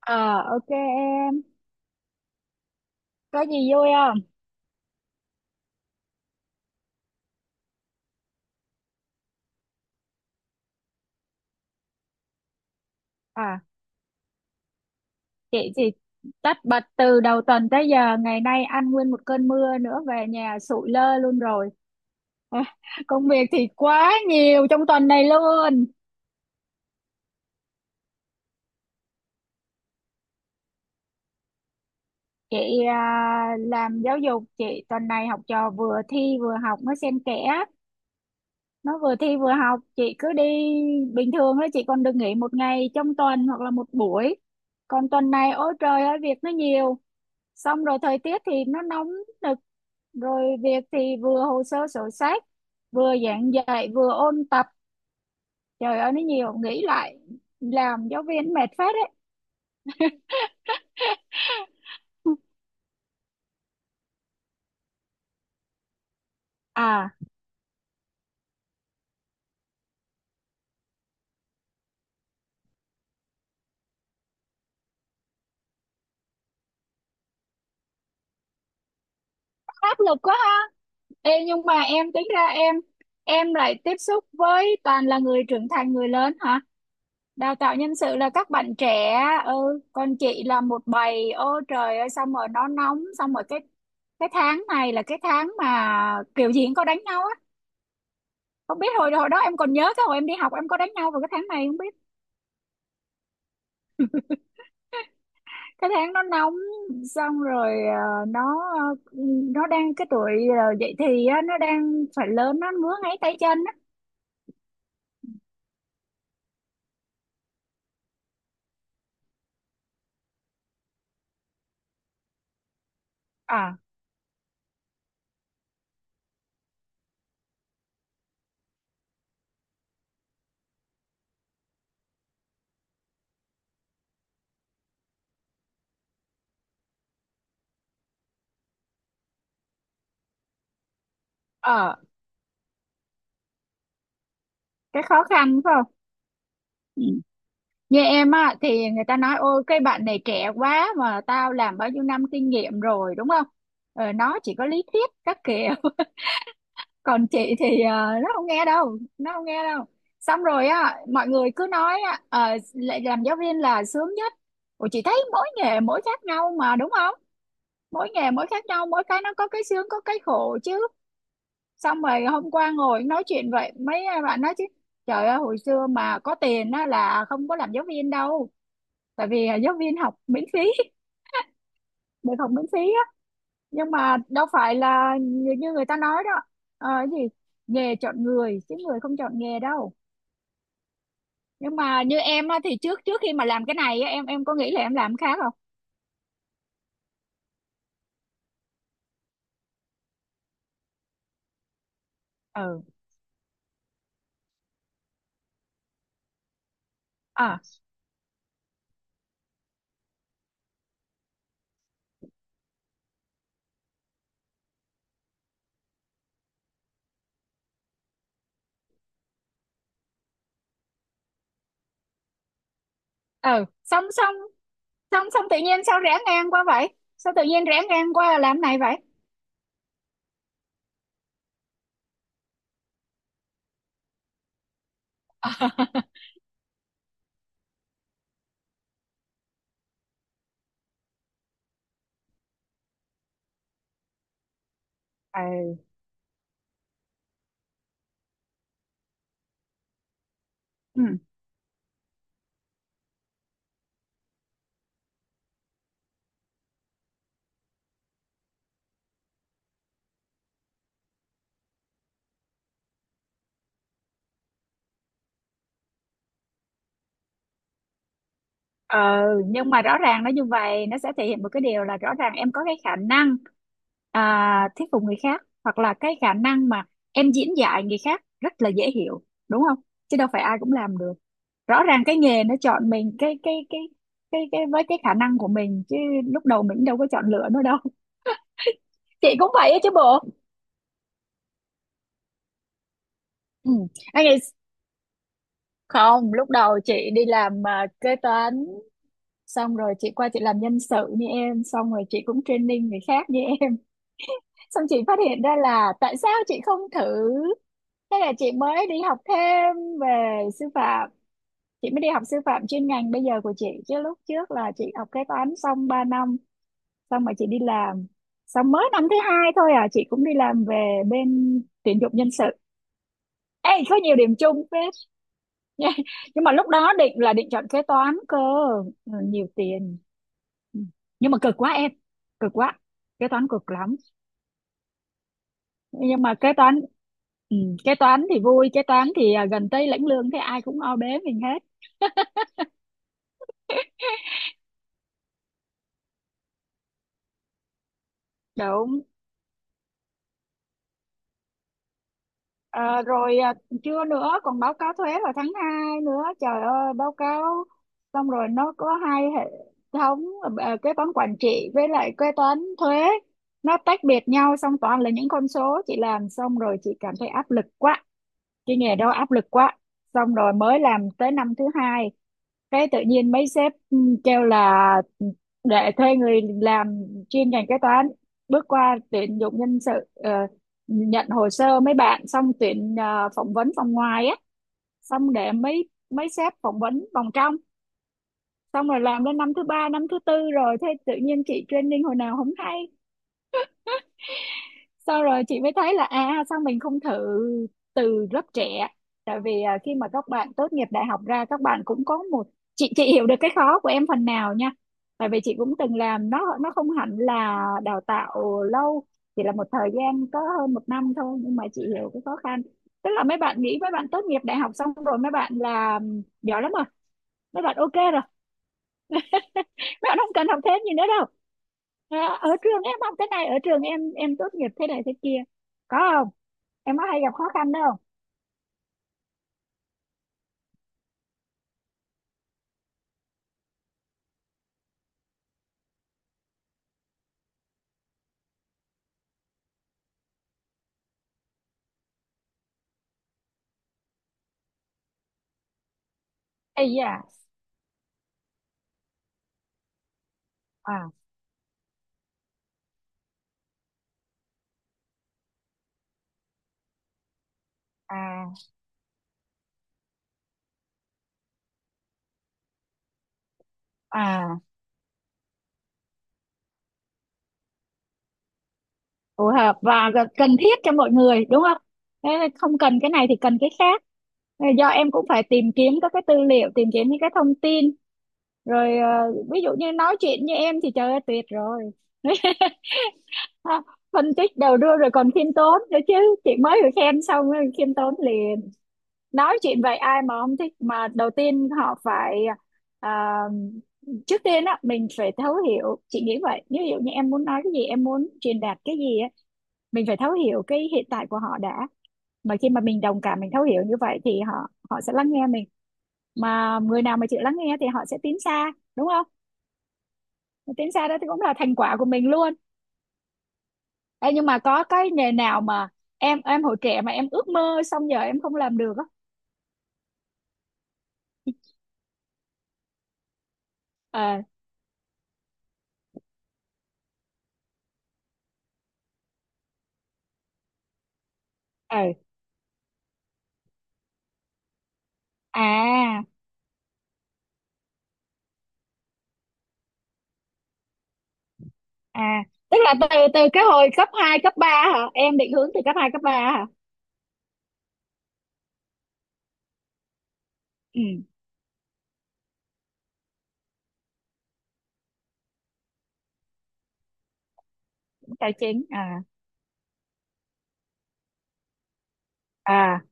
Ờ, ok em. Có gì vui không? À, chị tất bật từ đầu tuần tới giờ, ngày nay ăn nguyên một cơn mưa nữa, về nhà sụi lơ luôn rồi. Công việc thì quá nhiều trong tuần này luôn. Chị à, làm giáo dục, chị tuần này học trò vừa thi vừa học, nó xen kẽ. Nó vừa thi vừa học, chị cứ đi bình thường đó chị còn được nghỉ một ngày trong tuần hoặc là một buổi. Còn tuần này ôi trời ơi việc nó nhiều. Xong rồi thời tiết thì nó nóng nực, rồi việc thì vừa hồ sơ sổ sách, vừa giảng dạy, vừa ôn tập, trời ơi nó nhiều, nghĩ lại làm giáo viên mệt phết đấy. à Áp lực quá ha. Ê, nhưng mà em tính ra, em lại tiếp xúc với toàn là người trưởng thành, người lớn hả, đào tạo nhân sự là các bạn trẻ. Ừ, còn chị là một bầy, ô trời ơi, xong rồi nó nóng, xong rồi cái tháng này là cái tháng mà kiểu gì cũng có đánh nhau á. Không biết hồi hồi đó em còn nhớ cái hồi em đi học em có đánh nhau vào cái tháng này không, biết cái tháng nó nóng, xong rồi nó nó đang cái tuổi dậy thì á, nó đang phải lớn, nó ngứa ngáy tay chân á. à ờ cái khó khăn phải không. Ừ. Như em á thì người ta nói ôi cái bạn này trẻ quá mà tao làm bao nhiêu năm kinh nghiệm rồi, đúng không. Nó chỉ có lý thuyết các kiểu. Còn chị thì nó không nghe đâu. Xong rồi á mọi người cứ nói á lại làm giáo viên là sướng nhất. Ủa chị thấy mỗi nghề mỗi khác nhau mà, đúng không. Mỗi nghề mỗi khác nhau, mỗi cái nó có cái sướng có cái khổ chứ. Xong rồi hôm qua ngồi nói chuyện vậy mấy bạn nói chứ trời ơi hồi xưa mà có tiền á là không có làm giáo viên đâu, tại vì giáo viên học miễn phí. Được học miễn phí á, nhưng mà đâu phải là như người ta nói đó. Cái gì, nghề chọn người chứ người không chọn nghề đâu. Nhưng mà như em á thì trước trước khi mà làm cái này á, em có nghĩ là em làm khác không. ừ à ừ xong xong xong xong tự nhiên sao rẽ ngang qua vậy, sao tự nhiên rẽ ngang qua làm này vậy. Ừ. Ờ, nhưng mà rõ ràng nó như vậy nó sẽ thể hiện một cái điều là rõ ràng em có cái khả năng thuyết phục người khác, hoặc là cái khả năng mà em diễn dạy người khác rất là dễ hiểu, đúng không, chứ đâu phải ai cũng làm được. Rõ ràng cái nghề nó chọn mình, cái với cái khả năng của mình chứ, lúc đầu mình đâu có chọn lựa nó đâu. Chị cũng vậy á chứ bộ. Ừ. Anh ấy, không, lúc đầu chị đi làm kế toán, xong rồi chị qua chị làm nhân sự như em, xong rồi chị cũng training người khác như em, xong chị phát hiện ra là tại sao chị không thử. Thế là chị mới đi học thêm về sư phạm, chị mới đi học sư phạm chuyên ngành bây giờ của chị, chứ lúc trước là chị học kế toán xong 3 năm, xong rồi chị đi làm. Xong mới năm thứ hai thôi chị cũng đi làm về bên tuyển dụng nhân sự. Ê có nhiều điểm chung phết nha, nhưng mà lúc đó định là định chọn kế toán cơ. Ừ, nhiều tiền. Ừ. Nhưng mà cực quá em, cực quá, kế toán cực lắm. Nhưng mà kế toán, ừ, kế toán thì vui, kế toán thì gần tới lãnh lương thế ai cũng o bế mình hết. Đúng. Ờ, rồi à, chưa nữa còn báo cáo thuế vào tháng 2 nữa, trời ơi báo cáo, xong rồi nó có hai hệ thống, kế toán quản trị với lại kế toán thuế, nó tách biệt nhau, xong toàn là những con số, chị làm xong rồi chị cảm thấy áp lực quá, cái nghề đó áp lực quá. Xong rồi mới làm tới năm thứ hai cái tự nhiên mấy sếp kêu là để thuê người làm chuyên ngành kế toán, bước qua tuyển dụng nhân sự, nhận hồ sơ mấy bạn, xong tuyển, phỏng vấn vòng ngoài á, xong để mấy mấy sếp phỏng vấn vòng trong. Xong rồi làm đến năm thứ ba, năm thứ tư rồi thế tự nhiên chị training hồi nào không hay. Sau rồi chị mới thấy là à sao mình không thử từ lớp trẻ, tại vì khi mà các bạn tốt nghiệp đại học ra các bạn cũng có một, chị hiểu được cái khó của em phần nào nha, tại vì chị cũng từng làm, nó không hẳn là đào tạo lâu, chỉ là một thời gian có hơn một năm thôi, nhưng mà chị hiểu cái khó khăn. Tức là mấy bạn nghĩ mấy bạn tốt nghiệp đại học xong rồi mấy bạn là giỏi lắm rồi, mấy bạn ok rồi, mấy bạn không cần học thêm gì nữa đâu. À, ở trường em học thế này, ở trường em tốt nghiệp thế này thế kia, có không, em có hay gặp khó khăn đâu. Ây da à à à Phù hợp và cần thiết cho mọi người đúng không. Thế là không cần cái này thì cần cái khác. Thế là do em cũng phải tìm kiếm các cái tư liệu, tìm kiếm những cái thông tin rồi, ví dụ như nói chuyện như em thì trời ơi tuyệt rồi. Phân tích đầu đuôi rồi còn khiêm tốn nữa chứ, chị mới được khen xong rồi khiêm tốn liền, nói chuyện vậy ai mà không thích. Mà đầu tiên họ phải à, trước tiên á mình phải thấu hiểu, chị nghĩ vậy. Ví dụ như em muốn nói cái gì em muốn truyền đạt cái gì á, mình phải thấu hiểu cái hiện tại của họ đã, mà khi mà mình đồng cảm mình thấu hiểu như vậy thì họ, họ sẽ lắng nghe mình. Mà người nào mà chịu lắng nghe thì họ sẽ tiến xa đúng không. Mà tiến xa đó thì cũng là thành quả của mình luôn. Ê, nhưng mà có cái nghề nào mà em hồi trẻ mà em ước mơ xong giờ em không làm được á. ờ ờ à À, tức là từ từ cái hồi cấp 2 cấp 3 hả? Em định hướng từ cấp 2 cấp ba hả? Ừ, tài chính à. à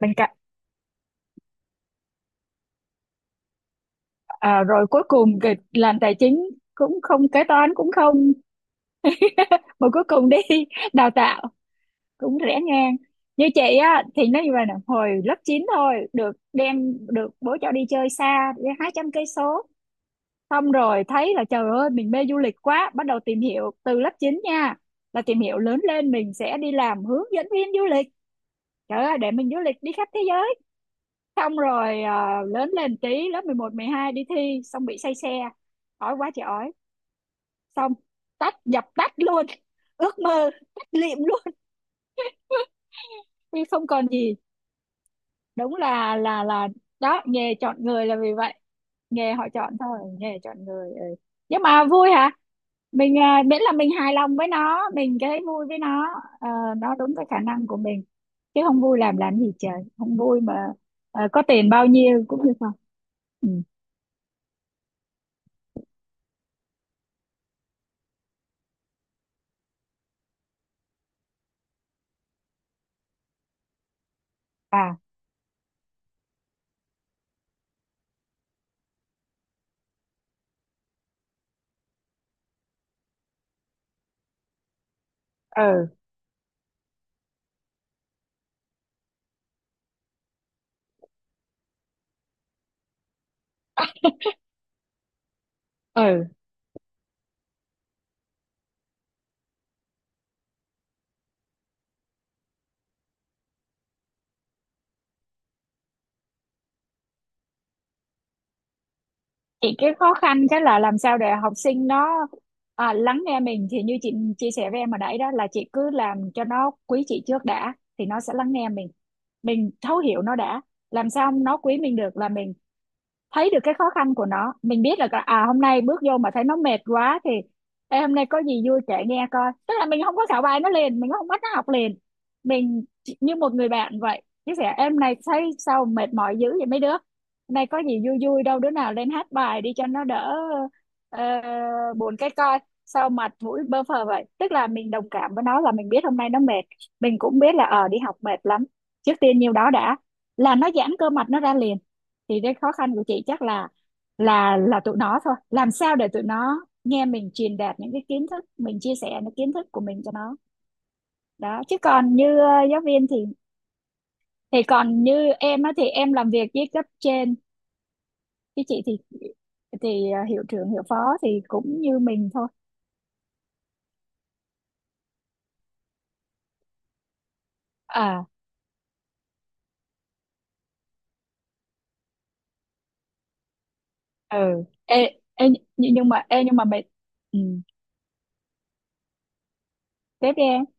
Bên cạnh, rồi cuối cùng kịch làm tài chính, cũng không, kế toán cũng không, mà cuối cùng đi đào tạo, cũng rẽ ngang. Như chị á thì nó như vậy nè, hồi lớp 9 thôi được đem, được bố cho đi chơi xa, đi 200 cây số. Xong rồi thấy là trời ơi mình mê du lịch quá, bắt đầu tìm hiểu từ lớp 9 nha. Là tìm hiểu lớn lên mình sẽ đi làm hướng dẫn viên du lịch. Trời ơi, để mình du lịch đi khắp thế giới. Xong rồi lớn lên tí, lớp mười một mười hai đi thi, xong bị say xe. Ói quá trời ói. Xong, tắt, dập tắt luôn. Ước mơ, tắt lịm luôn. Vì không còn gì. Đúng là đó, nghề chọn người là vì vậy. Nghề họ chọn thôi, nghề chọn người. Ừ. Nhưng mà vui hả, mình miễn là mình hài lòng với nó, mình thấy vui với nó, ờ, nó đúng cái khả năng của mình, chứ không vui làm gì trời, không vui mà có tiền bao nhiêu cũng như không. ừ. à ừ ừ Chị cái khó khăn cái là làm sao để học sinh nó lắng nghe mình, thì như chị chia sẻ với em hồi nãy đó là chị cứ làm cho nó quý chị trước đã thì nó sẽ lắng nghe mình thấu hiểu nó đã. Làm sao nó quý mình được là mình thấy được cái khó khăn của nó, mình biết là à hôm nay bước vô mà thấy nó mệt quá thì Ê, hôm nay có gì vui kể nghe coi, tức là mình không có khảo bài nó liền, mình không bắt nó học liền, như một người bạn vậy chia sẻ, em này thấy sao mệt mỏi dữ vậy, mấy đứa hôm nay có gì vui vui đâu, đứa nào lên hát bài đi cho nó đỡ ờ, buồn cái coi, sao mặt mũi bơ phờ vậy. Tức là mình đồng cảm với nó là mình biết hôm nay nó mệt, mình cũng biết là ờ đi học mệt lắm, trước tiên nhiêu đó đã là nó giãn cơ mặt nó ra liền. Thì cái khó khăn của chị chắc là là tụi nó thôi, làm sao để tụi nó nghe mình truyền đạt những cái kiến thức, mình chia sẻ những kiến thức của mình cho nó đó. Chứ còn như giáo viên thì còn như em á thì em làm việc với cấp trên chứ chị thì hiệu trưởng hiệu phó thì cũng như mình thôi. à ừ ê, ê, Nhưng mà ê nhưng mà mày. Ừ, tiếp đi em.